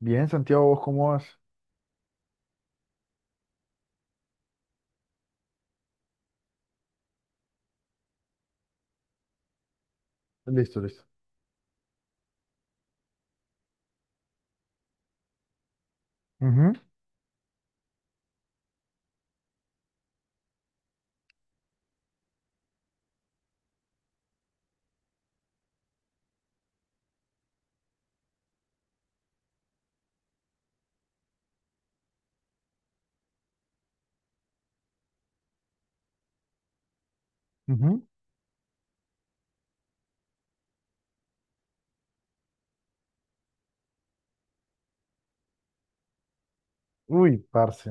Bien, Santiago, ¿vos cómo vas? Listo, listo. Ujú, ujú. Uy, parce.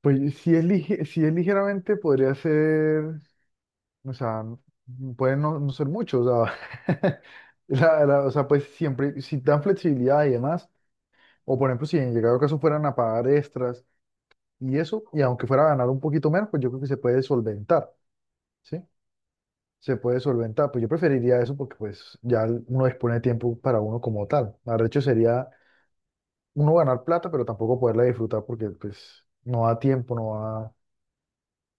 Pues si es ligeramente, podría ser, o sea, puede no, no ser mucho, o sea, o sea, pues siempre, si dan flexibilidad y demás, o por ejemplo, si en llegado caso fueran a pagar extras y eso, y aunque fuera a ganar un poquito menos, pues yo creo que se puede solventar, ¿sí? Se puede solventar, pues yo preferiría eso porque pues ya uno dispone de tiempo para uno como tal. Arrecho sería uno ganar plata, pero tampoco poderla disfrutar porque pues no da tiempo, da,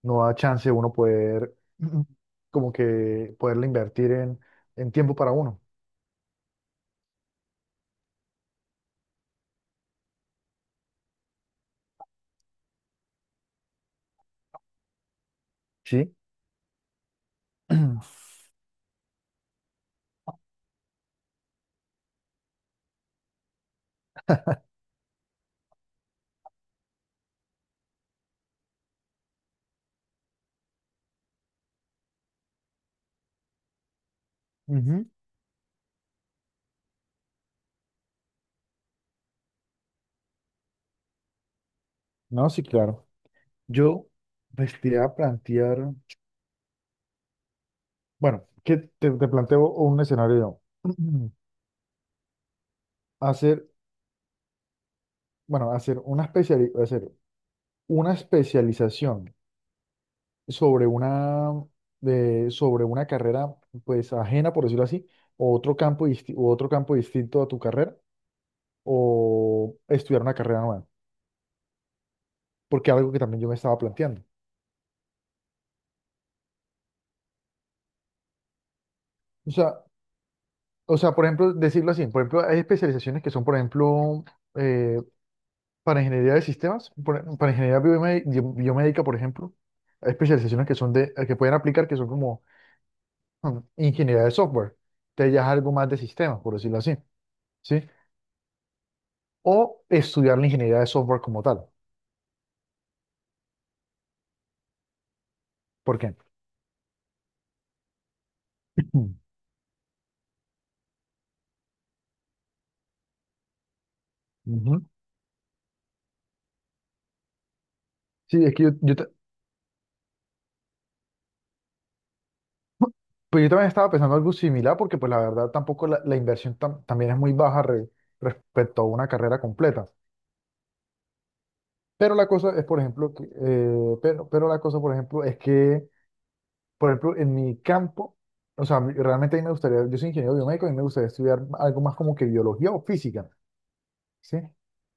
no da chance uno poder como que poderla invertir en tiempo para uno. Sí. Ujú. No, sí, claro. Yo pues, te iba a plantear, bueno, que te planteo un escenario, hacer, bueno, hacer una especialización sobre una, sobre una carrera pues ajena, por decirlo así, o otro campo distinto a tu carrera, o estudiar una carrera nueva, porque algo que también yo me estaba planteando. O sea, o sea, por ejemplo, decirlo así, por ejemplo, hay especializaciones que son, por ejemplo, eh, para ingeniería de sistemas, para ingeniería biomédica, por ejemplo, hay especializaciones que son de, que pueden aplicar que son como ingeniería de software, que ya es algo más de sistemas, por decirlo así. ¿Sí? O estudiar la ingeniería de software como tal. ¿Por qué? Ujú. Sí, es que pues yo también estaba pensando algo similar porque pues la verdad tampoco la inversión también es muy baja respecto a una carrera completa. Pero la cosa es, por ejemplo, que, pero la cosa, por ejemplo, es que, por ejemplo, en mi campo, o sea, realmente a mí me gustaría, yo soy ingeniero biomédico y me gustaría estudiar algo más como que biología o física, ¿sí?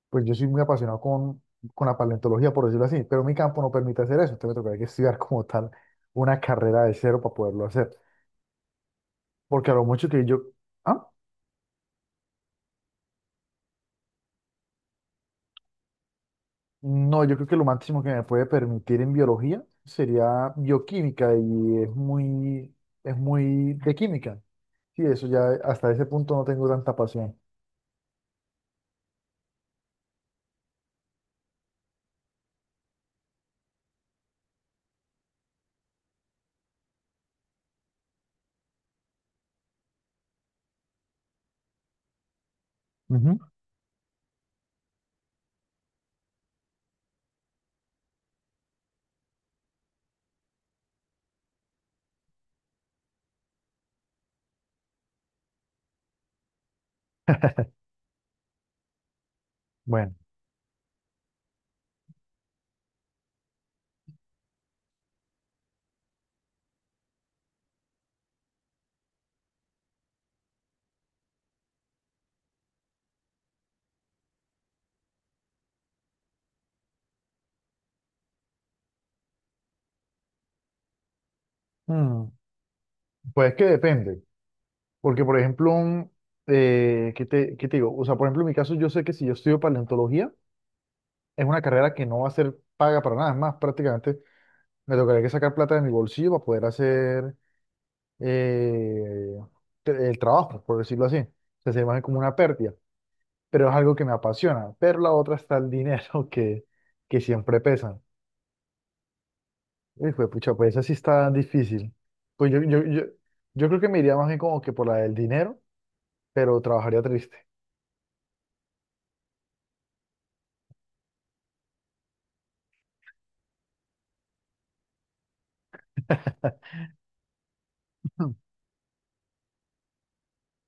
Pues yo soy muy apasionado con la paleontología, por decirlo así, pero mi campo no permite hacer eso, entonces me tocaría que estudiar como tal una carrera de cero para poderlo hacer, porque a lo mucho que yo, ah, no, yo creo que lo máximo que me puede permitir en biología sería bioquímica y es muy de química, sí eso ya hasta ese punto no tengo tanta pasión. Ujú. Bueno, mm, pues es que depende, porque por ejemplo, ¿qué te digo? O sea, por ejemplo, en mi caso yo sé que si yo estudio paleontología, es una carrera que no va a ser paga para nada. Es más, prácticamente me tocaría que sacar plata de mi bolsillo para poder hacer eh, el trabajo, por decirlo así. O sea, se ve como una pérdida, pero es algo que me apasiona. Pero la otra está el dinero que siempre pesa. Y fue, pucha, pues esa sí está difícil. Pues yo creo que me iría más bien como que por la del dinero, pero trabajaría triste.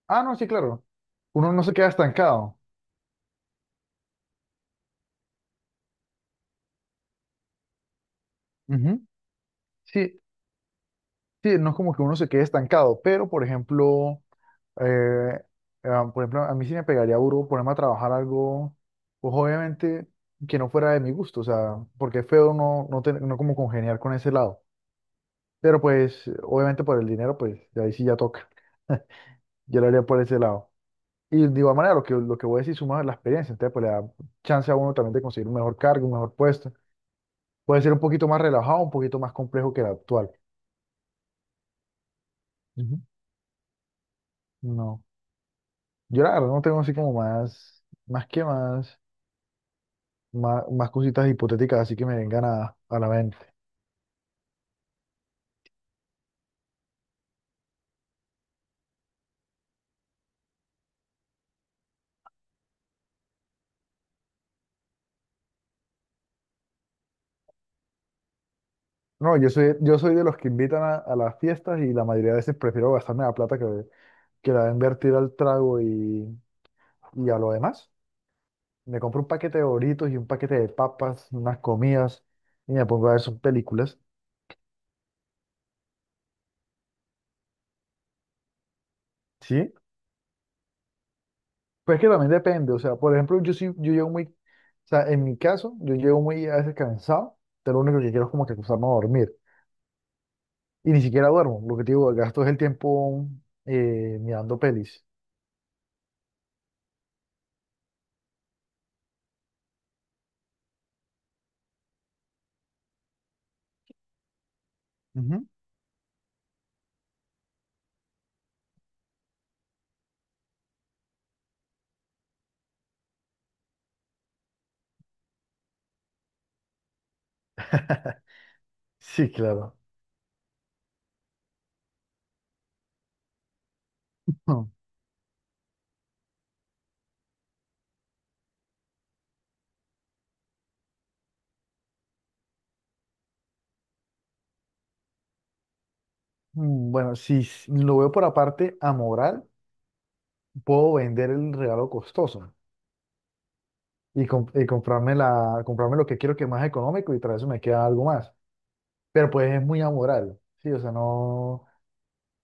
Ah, no, sí, claro. Uno no se queda estancado. Ujú. Sí, sí, no es como que uno se quede estancado, pero por ejemplo, eh, por ejemplo, a mí sí me pegaría duro ponerme a trabajar algo, pues obviamente que no fuera de mi gusto, o sea, porque es feo no, no, no como congeniar con ese lado, pero pues obviamente por el dinero, pues de ahí sí ya toca, yo lo haría por ese lado. Y de igual manera, lo que voy a decir suma la experiencia, entonces pues le da chance a uno también de conseguir un mejor cargo, un mejor puesto, puede ser un poquito más relajado, un poquito más complejo que el actual. Ujú. No. Yo la verdad no tengo así como más, más que más, más, más cositas hipotéticas así que me vengan a la mente. No, yo soy de los que invitan a las fiestas y la mayoría de veces prefiero gastarme la plata que la voy a invertir al trago y a lo demás. Me compro un paquete de Doritos y un paquete de papas, unas comidas y me pongo a ver sus películas. ¿Sí? Pues que también depende. O sea, por ejemplo, yo sí, yo llego muy, o sea, en mi caso, yo llego muy a veces cansado, pero lo único que quiero es como que acostarme a dormir. Y ni siquiera duermo. Lo que te digo, gasto es el tiempo mirando pelis. Ujú. Sí, claro. Mm, bueno, si lo veo por aparte amoral, puedo vender el regalo costoso y, y comprarme, comprarme lo que quiero que es más económico y tras eso me queda algo más. Pero pues es muy amoral, sí, o sea, no,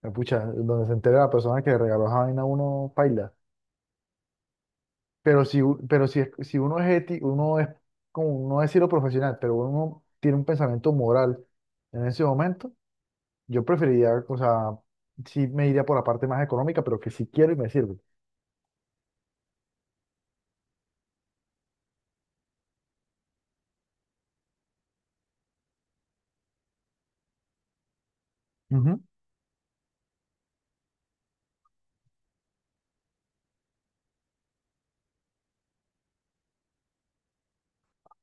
pucha, donde se entere la persona que le regaló esa vaina a uno, paila. Pero si, si uno es ético, uno es, como no decirlo profesional, pero uno tiene un pensamiento moral en ese momento, yo preferiría, o sea, sí me iría por la parte más económica, pero que sí quiero y me sirve. Ujú.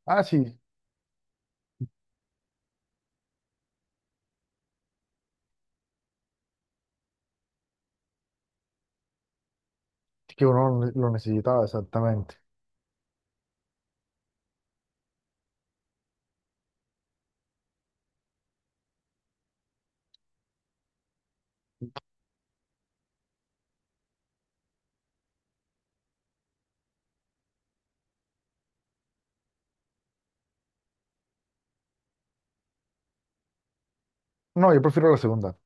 Ah, sí, que uno lo necesitaba, exactamente. No, yo prefiero la segunda.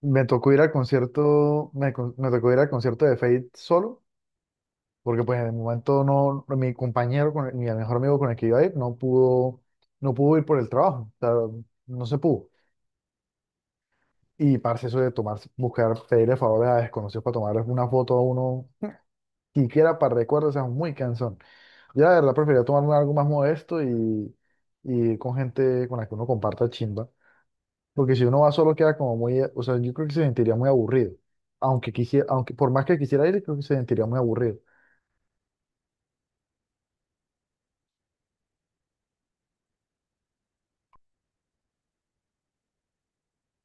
Me tocó ir al concierto, me tocó ir al concierto de Fate solo, porque pues en el momento no, mi compañero, mi mejor amigo con el que iba a ir, no pudo, no pudo ir por el trabajo, o sea, no se pudo. Y, parce, eso de tomar, buscar, pedirle favores a desconocidos para tomarles una foto a uno, siquiera para recuerdos, o sea, muy cansón. Yo la verdad preferiría tomarme algo más modesto y ir con gente con la que uno comparta chimba. Porque si uno va solo queda como muy, o sea, yo creo que se sentiría muy aburrido. Aunque quisiera, aunque por más que quisiera ir, creo que se sentiría muy aburrido.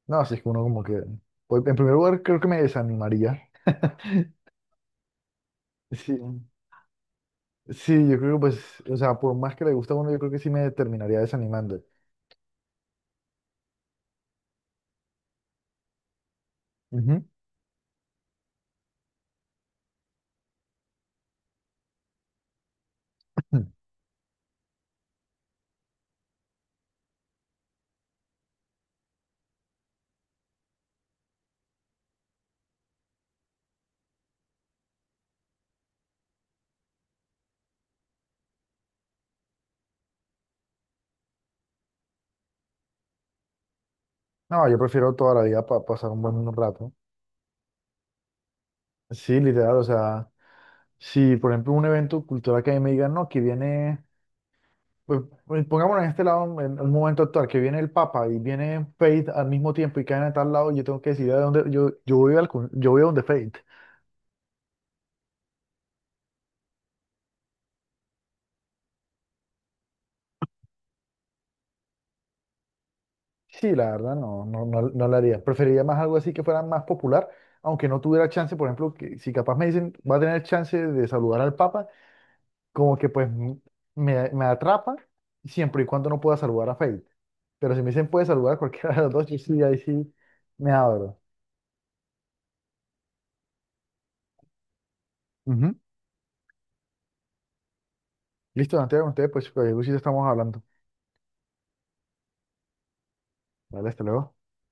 No, así es que uno como que, pues, en primer lugar, creo que me desanimaría. Sí, sí, yo creo que pues, o sea, por más que le gusta a uno, yo creo que sí me terminaría desanimando. Ujú. No, yo prefiero toda la vida pasar un buen rato. Sí, literal, o sea, si por ejemplo un evento cultural que a mí me digan, no, que viene, pues, pues, pongámonos en este lado, en un momento actual, que viene el Papa y viene Faith al mismo tiempo y caen a tal lado, yo tengo que decidir a dónde, yo voy a donde Faith. Sí, la verdad, no, no, no, no lo haría. Preferiría más algo así que fuera más popular, aunque no tuviera chance, por ejemplo, que si capaz me dicen, va a tener chance de saludar al Papa, como que pues me atrapa siempre y cuando no pueda saludar a Fate. Pero si me dicen puede saludar a cualquiera de los dos, yo sí, ahí sí me abro. Ujú. Listo, Santiago, ustedes pues, estamos hablando. Vale, hasta luego.